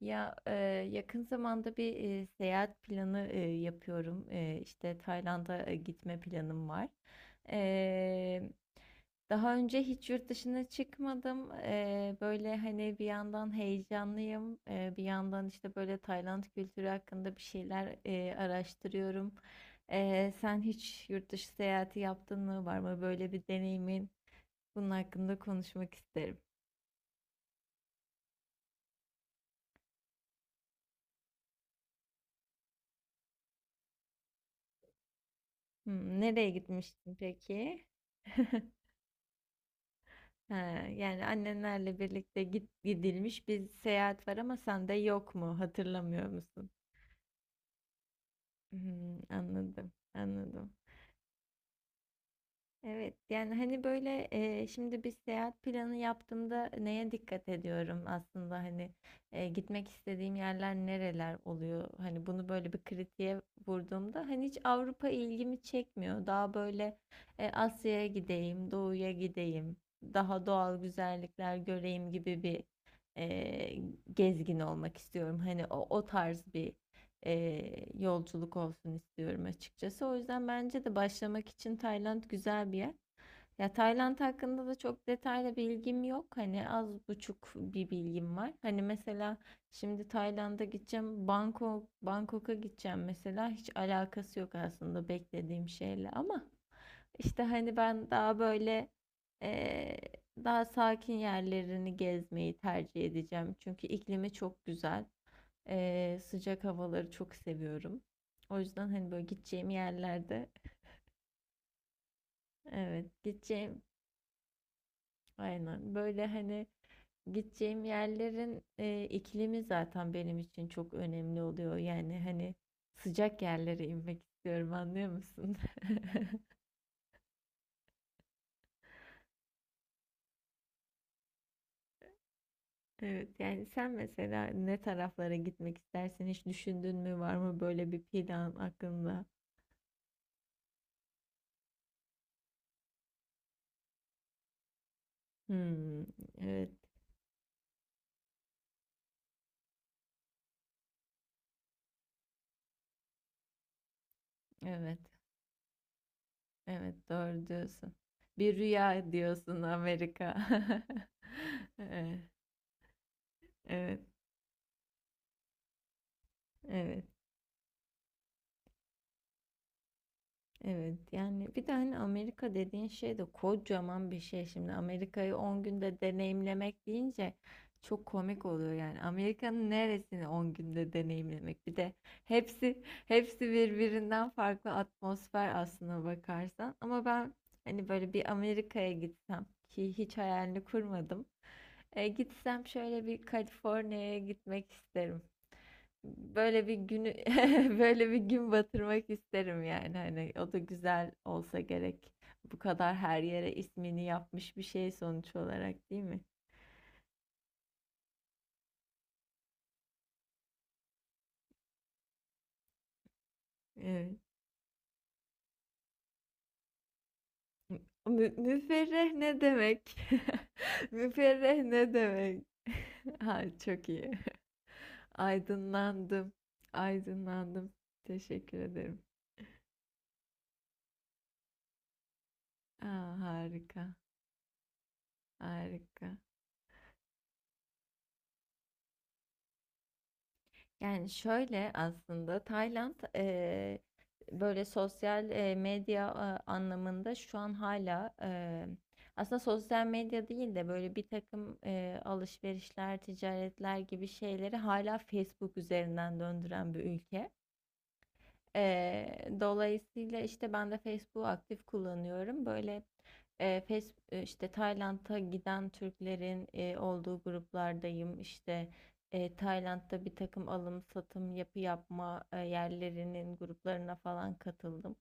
Ya, yakın zamanda bir seyahat planı yapıyorum. E, işte Tayland'a gitme planım var. E, daha önce hiç yurt dışına çıkmadım. Böyle hani bir yandan heyecanlıyım, bir yandan işte böyle Tayland kültürü hakkında bir şeyler araştırıyorum. Sen hiç yurt dışı seyahati yaptın mı? Var mı böyle bir deneyimin? Bunun hakkında konuşmak isterim. Hmm, nereye gitmiştin peki? Ha, yani annenlerle birlikte gidilmiş bir seyahat var ama sen de yok mu? Hatırlamıyor musun? Hmm, anladım, anladım. Evet, yani hani böyle şimdi bir seyahat planı yaptığımda neye dikkat ediyorum aslında, hani gitmek istediğim yerler nereler oluyor, hani bunu böyle bir kritiğe vurduğumda hani hiç Avrupa ilgimi çekmiyor, daha böyle Asya'ya gideyim, doğuya gideyim, daha doğal güzellikler göreyim gibi bir e, gezgin olmak istiyorum, hani o tarz bir yolculuk olsun istiyorum açıkçası. O yüzden bence de başlamak için Tayland güzel bir yer. Ya, Tayland hakkında da çok detaylı bilgim yok. Hani az buçuk bir bilgim var. Hani mesela şimdi Tayland'a gideceğim, Bangkok'a gideceğim mesela, hiç alakası yok aslında beklediğim şeyle, ama işte hani ben daha böyle eee, daha sakin yerlerini gezmeyi tercih edeceğim. Çünkü iklimi çok güzel. Sıcak havaları çok seviyorum. O yüzden hani böyle gideceğim yerlerde, evet, gideceğim, aynen, böyle hani gideceğim yerlerin iklimi zaten benim için çok önemli oluyor. Yani hani sıcak yerlere inmek istiyorum, anlıyor musun? Evet, yani sen mesela ne taraflara gitmek istersin, hiç düşündün mü, var mı böyle bir plan aklında? Hmm, evet, evet. Evet, doğru diyorsun. Bir rüya diyorsun Amerika. Evet, evet, evet. Evet. Yani bir de hani Amerika dediğin şey de kocaman bir şey şimdi. Amerika'yı 10 günde deneyimlemek deyince çok komik oluyor yani. Amerika'nın neresini 10 günde deneyimlemek? Bir de hepsi birbirinden farklı atmosfer aslına bakarsan. Ama ben hani böyle bir Amerika'ya gitsem ki, hiç hayalini kurmadım. Gitsem şöyle bir Kaliforniya'ya gitmek isterim. Böyle bir günü böyle bir gün batırmak isterim, yani hani o da güzel olsa gerek. Bu kadar her yere ismini yapmış bir şey sonuç olarak, değil mi? Evet. Müferreh ne demek? Müferreh ne demek? Ha, çok iyi. Aydınlandım. Aydınlandım. Teşekkür ederim. Aa, harika. Harika. Yani şöyle, aslında Tayland böyle sosyal medya anlamında, şu an hala aslında sosyal medya değil de böyle bir takım alışverişler, ticaretler gibi şeyleri hala Facebook üzerinden döndüren bir ülke. Dolayısıyla işte ben de Facebook'u aktif kullanıyorum. Böyle işte Tayland'a giden Türklerin olduğu gruplardayım. İşte Tayland'da bir takım alım satım yapma yerlerinin gruplarına falan katıldım.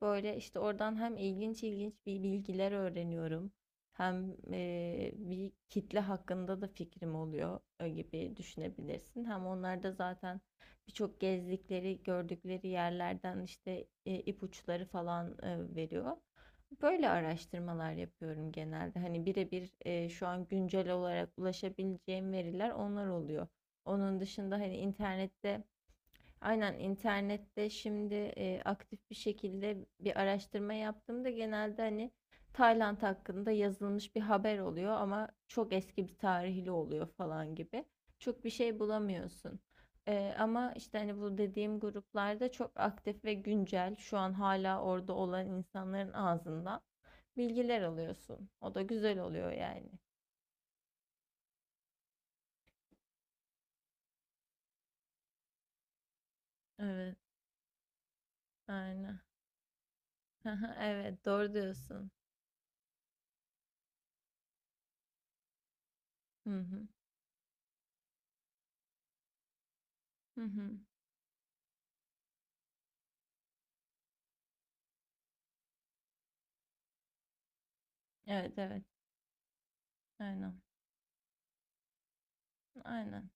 Böyle işte oradan hem ilginç ilginç bir bilgiler öğreniyorum. Hem bir kitle hakkında da fikrim oluyor gibi düşünebilirsin. Hem onlar da zaten birçok gezdikleri, gördükleri yerlerden işte ipuçları falan veriyor. Böyle araştırmalar yapıyorum genelde. Hani birebir şu an güncel olarak ulaşabileceğim veriler onlar oluyor. Onun dışında hani internette, aynen, internette şimdi aktif bir şekilde bir araştırma yaptığımda genelde hani Tayland hakkında yazılmış bir haber oluyor ama çok eski bir tarihli oluyor falan gibi. Çok bir şey bulamıyorsun. Ama işte hani bu dediğim gruplarda çok aktif ve güncel şu an hala orada olan insanların ağzından bilgiler alıyorsun. O da güzel oluyor yani. Evet, aynen. Evet, doğru diyorsun. Hı hı. Hı hı. Evet, evet. Aynen. Aynen.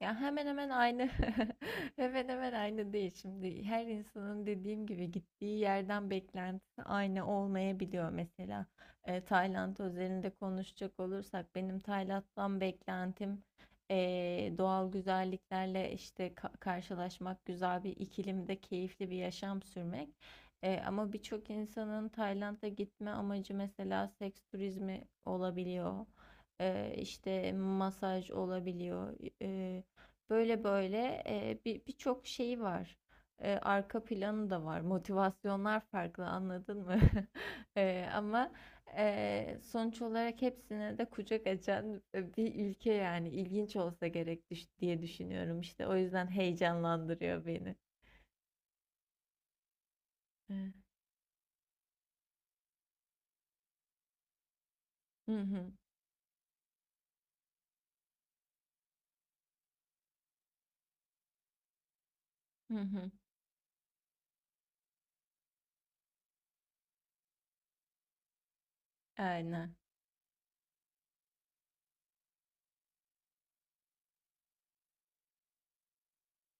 Ya, hemen hemen aynı. Hemen hemen aynı değil şimdi. Her insanın, dediğim gibi, gittiği yerden beklentisi aynı olmayabiliyor. Mesela Tayland özelinde konuşacak olursak benim Tayland'dan beklentim e, doğal güzelliklerle işte karşılaşmak, güzel bir iklimde keyifli bir yaşam sürmek. Ama birçok insanın Tayland'a gitme amacı, mesela, seks turizmi olabiliyor. E, işte masaj olabiliyor. E, Böyle böyle birçok şeyi var. Arka planı da var. Motivasyonlar farklı, anladın mı? Ama sonuç olarak hepsine de kucak açan bir ülke, yani ilginç olsa gerek diye düşünüyorum işte. O yüzden heyecanlandırıyor beni. Hı hı, hı hı. Aynen.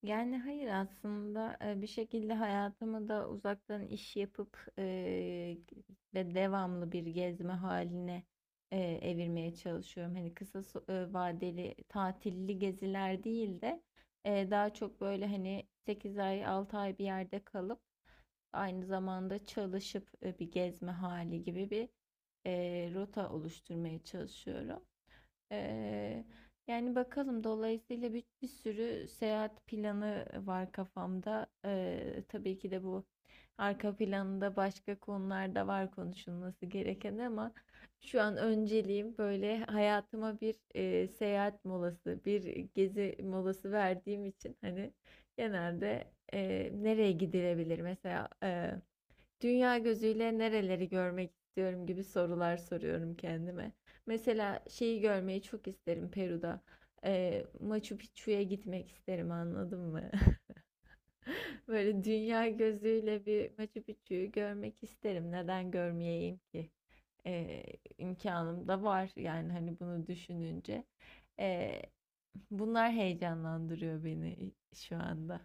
Yani hayır, aslında bir şekilde hayatımı da uzaktan iş yapıp ve devamlı bir gezme haline evirmeye çalışıyorum. Hani kısa vadeli tatilli geziler değil de daha çok böyle hani 8 ay 6 ay bir yerde kalıp aynı zamanda çalışıp bir gezme hali gibi bir rota oluşturmaya çalışıyorum. Eee, yani bakalım, dolayısıyla bir sürü seyahat planı var kafamda. Tabii ki de bu arka planında başka konular da var konuşulması gereken, ama şu an önceliğim böyle hayatıma bir seyahat molası, bir gezi molası verdiğim için hani genelde nereye gidilebilir mesela, dünya gözüyle nereleri görmek istiyorum gibi sorular soruyorum kendime. Mesela şeyi görmeyi çok isterim Peru'da. Machu Picchu'ya gitmek isterim, anladın mı? Böyle dünya gözüyle bir Machu Picchu'yu görmek isterim. Neden görmeyeyim ki? Ee, imkanım da var yani, hani bunu düşününce. Ee, bunlar heyecanlandırıyor beni şu anda.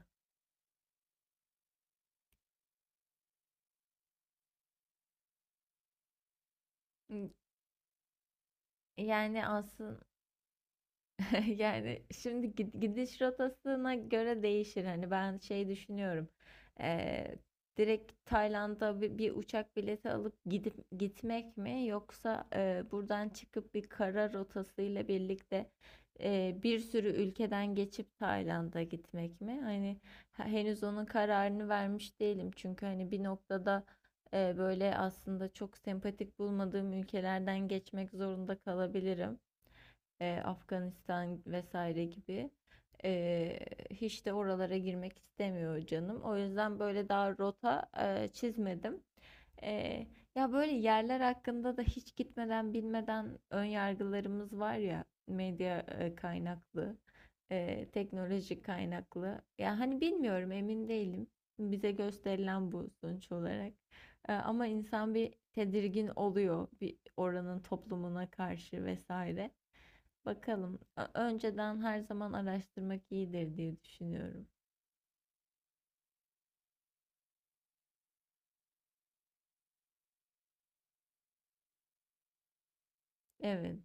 Yani aslında, yani şimdi gidiş rotasına göre değişir. Hani ben şey düşünüyorum. Eee, direkt Tayland'a bir uçak bileti alıp gidip gitmek mi, yoksa buradan çıkıp bir kara rotasıyla birlikte bir sürü ülkeden geçip Tayland'a gitmek mi? Hani henüz onun kararını vermiş değilim. Çünkü hani bir noktada böyle aslında çok sempatik bulmadığım ülkelerden geçmek zorunda kalabilirim, Afganistan vesaire gibi. E, hiç de oralara girmek istemiyor canım. O yüzden böyle daha rota çizmedim. E, ya böyle yerler hakkında da hiç gitmeden bilmeden ön yargılarımız var ya, medya kaynaklı, teknoloji kaynaklı. Ya hani bilmiyorum, emin değilim. Bize gösterilen bu sonuç olarak. Ama insan bir tedirgin oluyor bir oranın toplumuna karşı vesaire. Bakalım. Önceden her zaman araştırmak iyidir diye düşünüyorum. Evet.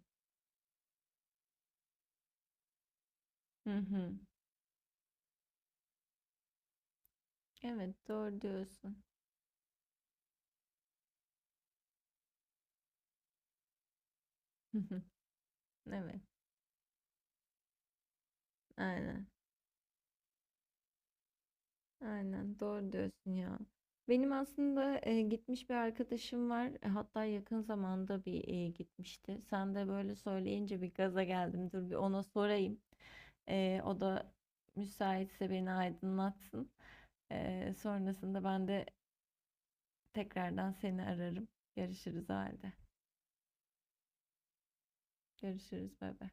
Hı hı. Evet, doğru diyorsun. Hı hı. Evet. Aynen. Aynen. Doğru diyorsun ya. Benim aslında gitmiş bir arkadaşım var. Hatta yakın zamanda bir gitmişti. Sen de böyle söyleyince bir gaza geldim. Dur bir ona sorayım. O da müsaitse beni aydınlatsın. Sonrasında ben de tekrardan seni ararım. Görüşürüz o halde. Görüşürüz. Bay bay.